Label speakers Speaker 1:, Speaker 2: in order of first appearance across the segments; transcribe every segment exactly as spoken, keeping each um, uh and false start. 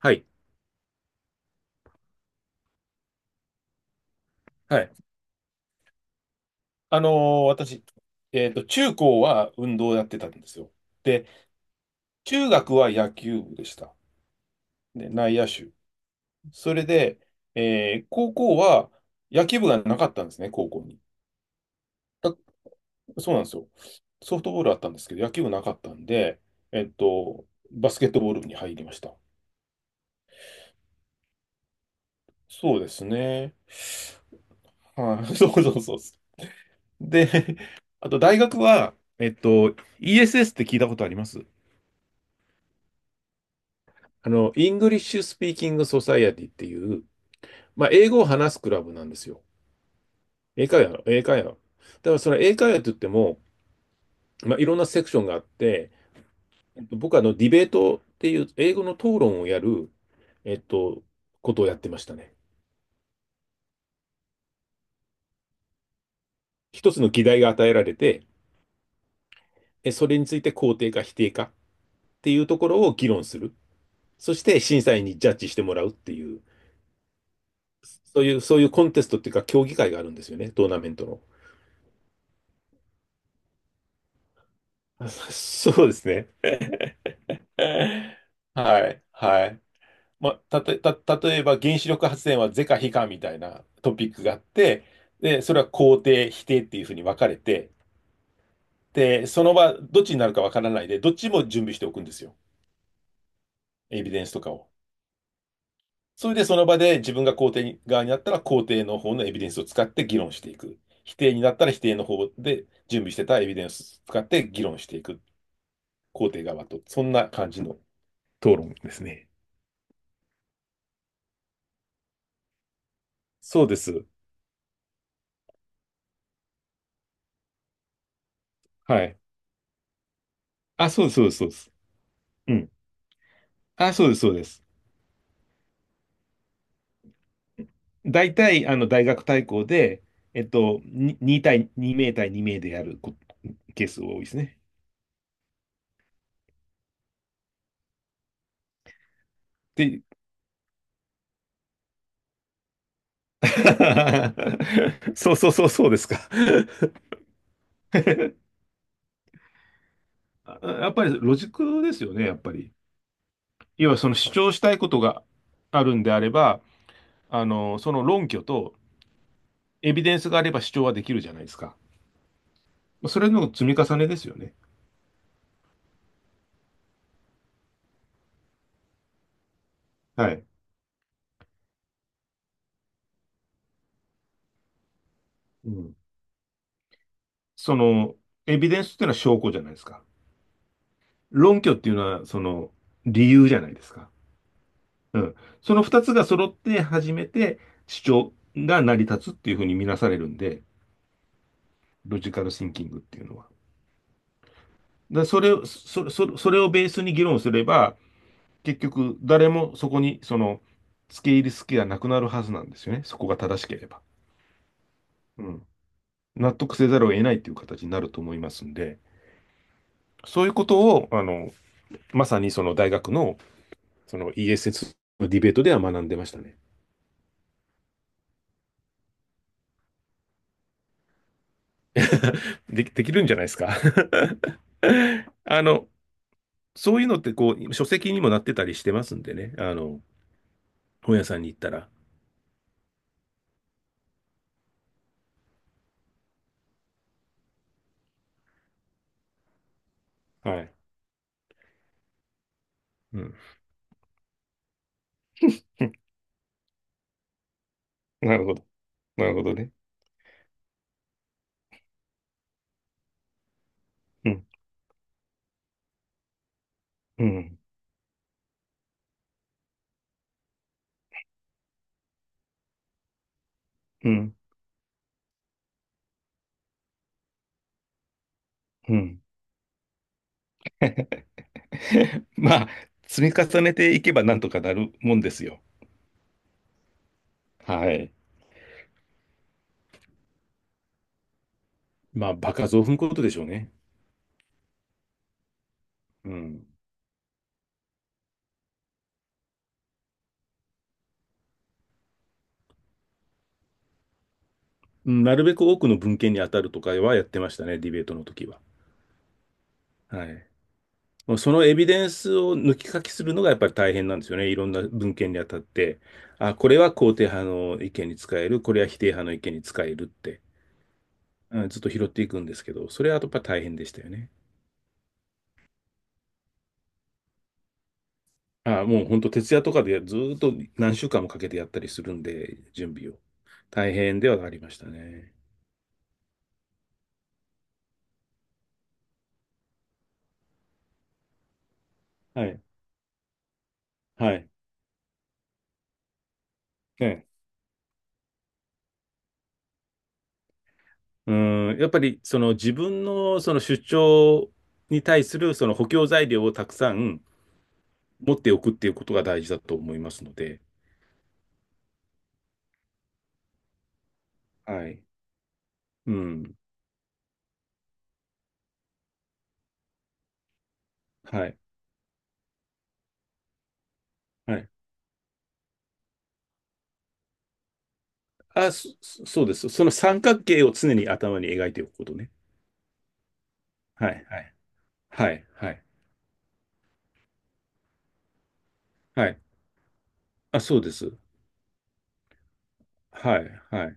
Speaker 1: はい。はい。あのー私、えっと、中高は運動をやってたんですよ。で、中学は野球部でした。で、内野手。それで、えー高校は野球部がなかったんですね、高校に。そうなんですよ。ソフトボールあったんですけど、野球部なかったんで、えっと、バスケットボール部に入りました。そうですね。はい、そうそうそうそう。で、あと大学は、えっと、エスエス って聞いたことあります？あの、イングリッシュスピーキングソサイエティっていう、まあ、英語を話すクラブなんですよ。英会話、英会話。だからその英会話って言っても、まあ、いろんなセクションがあって、えっと僕はあのディベートっていう英語の討論をやる、えっと、ことをやってましたね。一つの議題が与えられて、えそれについて肯定か否定かっていうところを議論する。そして審査員にジャッジしてもらうっていう、そういう、そういうコンテストっていうか競技会があるんですよね、トーナメントの。あそ うですね。はい、はい。まあ、たとた、例えば原子力発電は是か非かみたいなトピックがあって、で、それは肯定、否定っていうふうに分かれて、で、その場、どっちになるか分からないで、どっちも準備しておくんですよ。エビデンスとかを。それでその場で自分が肯定側になったら肯定の方のエビデンスを使って議論していく。否定になったら否定の方で準備してたエビデンスを使って議論していく。肯定側と。そんな感じの討論ですね。そうです。はい。あ、そうです、そうです。そうです、うん。あ、そうです、そうです。大体、あの、大学対抗で、えっと、に2対に名対に名でやるこケースが多いですね。で、そうそうそうそうですか。あ、やっぱりロジックですよね、やっぱり。要はその主張したいことがあるんであれば、あの、その論拠とエビデンスがあれば主張はできるじゃないですか。それの積み重ねですよね。はい。うん。その、エビデンスっていうのは証拠じゃないですか。論拠っていうのは、その、理由じゃないですか。うん。その二つが揃って初めて主張が成り立つっていうふうに見なされるんで、ロジカルシンキングっていうのは。だそれを、そ、そ、それをベースに議論すれば、結局誰もそこに、その、付け入る隙がなくなるはずなんですよね。そこが正しければ。うん。納得せざるを得ないっていう形になると思いますんで、そういうことを、あの、まさにその大学の、その エスエス のディベートでは学んでましたね。でき、できるんじゃないですか。あの、そういうのってこう、書籍にもなってたりしてますんでね。あの、本屋さんに行ったら。はい。うん。なるほど。なるほどね。うん。うん。うん。うん。まあ、積み重ねていけばなんとかなるもんですよ。はい。まあ、場数を踏むことでしょうね。うん。うん、なるべく多くの文献に当たるとかはやってましたね、ディベートの時は。はい。もうそのエビデンスを抜き書きするのがやっぱり大変なんですよね。いろんな文献にあたって。あ、これは肯定派の意見に使える、これは否定派の意見に使えるって、うん、ずっと拾っていくんですけど、それはやっぱり大変でしたよね。あ、もう本当徹夜とかでずーっと何週間もかけてやったりするんで、準備を。大変ではありましたね。はい。はい。ええ。うん、やっぱりその自分のその主張に対するその補強材料をたくさん持っておくっていうことが大事だと思いますので、はい。うん。はい。はい。あ、そ、そそうです。その三角形を常に頭に描いておくことね。はい。はい。はい。はい。はい。あ、そうです。はい。はい。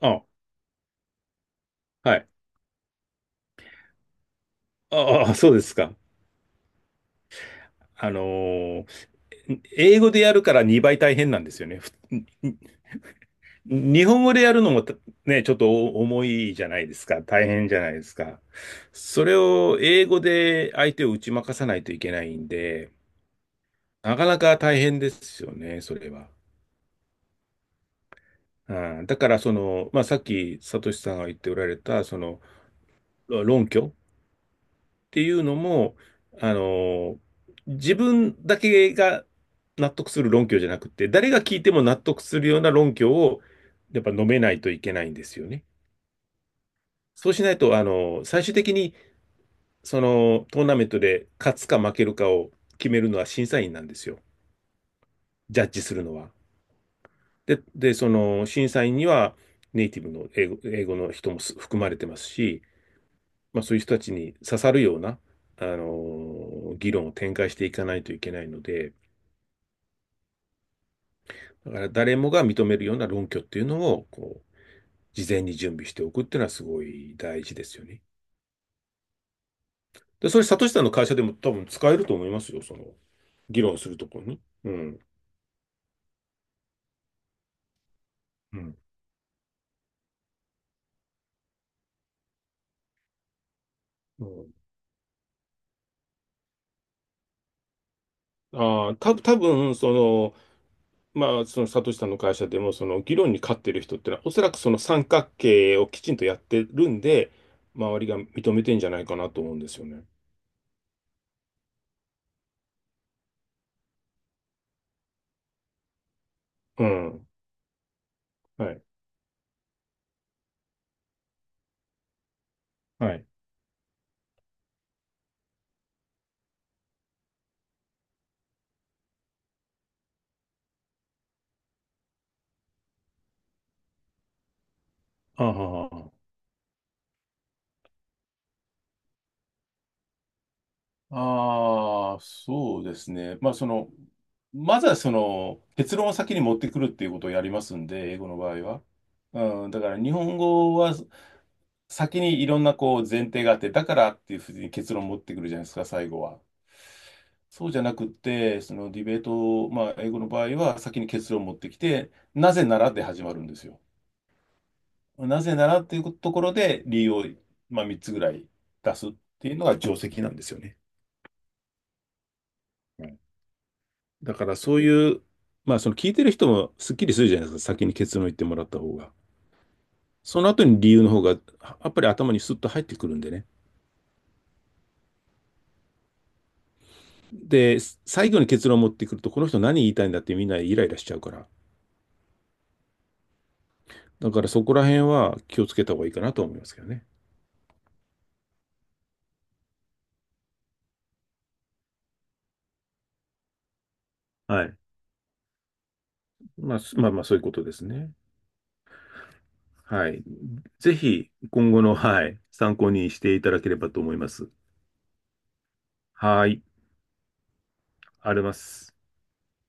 Speaker 1: あ、はい。ああ、そうですか。あのー英語でやるからにばい大変なんですよね。ふにに日本語でやるのもた、ね、ちょっとお重いじゃないですか。大変じゃないですか。それを英語で相手を打ち負かさないといけないんで、なかなか大変ですよね、それは。うん、だからその、まあ、さっきサトシさんが言っておられたそのろ論拠っていうのも、あの自分だけが納得する論拠じゃなくて誰が聞いても納得するような論拠をやっぱ述べないといけないんですよね。そうしないとあの最終的にそのトーナメントで勝つか負けるかを決めるのは審査員なんですよ。ジャッジするのは。で、でその審査員にはネイティブの英語、英語の人も含まれてますし、まあ、そういう人たちに刺さるような、あのー議論を展開していかないといけないので、だから誰もが認めるような論拠っていうのを、こう、事前に準備しておくっていうのはすごい大事ですよね。で、それ、サトシさんの会社でも多分使えると思いますよ、その、議論するところに。うん。うん。うん、ああ、た、多分その、まあ、その、サトシさんの会社でも、その、議論に勝ってる人ってのは、おそらくその三角形をきちんとやってるんで、周りが認めてんじゃないかなと思うんですよね。うん。はい。はい。あはは。あああ、そうですね。まあ、その、まずはその、結論を先に持ってくるっていうことをやりますんで、英語の場合は。うん、だから日本語は先にいろんなこう前提があって、だからっていうふうに結論を持ってくるじゃないですか、最後は。そうじゃなくって、そのディベートを、まあ、英語の場合は先に結論を持ってきて、なぜならで始まるんですよ。なぜならっていうところで理由を、まあ、みっつぐらい出すっていうのが定石なんですよね。はい。だからそういう、まあその聞いてる人もすっきりするじゃないですか、先に結論言ってもらった方が。その後に理由の方がやっぱり頭にスッと入ってくるんでね。で、最後に結論を持ってくると、この人何言いたいんだってみんなイライラしちゃうから。だからそこら辺は気をつけた方がいいかなと思いますけどね。はい。まあ、まあまあそういうことですね。はい。ぜひ今後の、はい、参考にしていただければと思います。はーい、あります。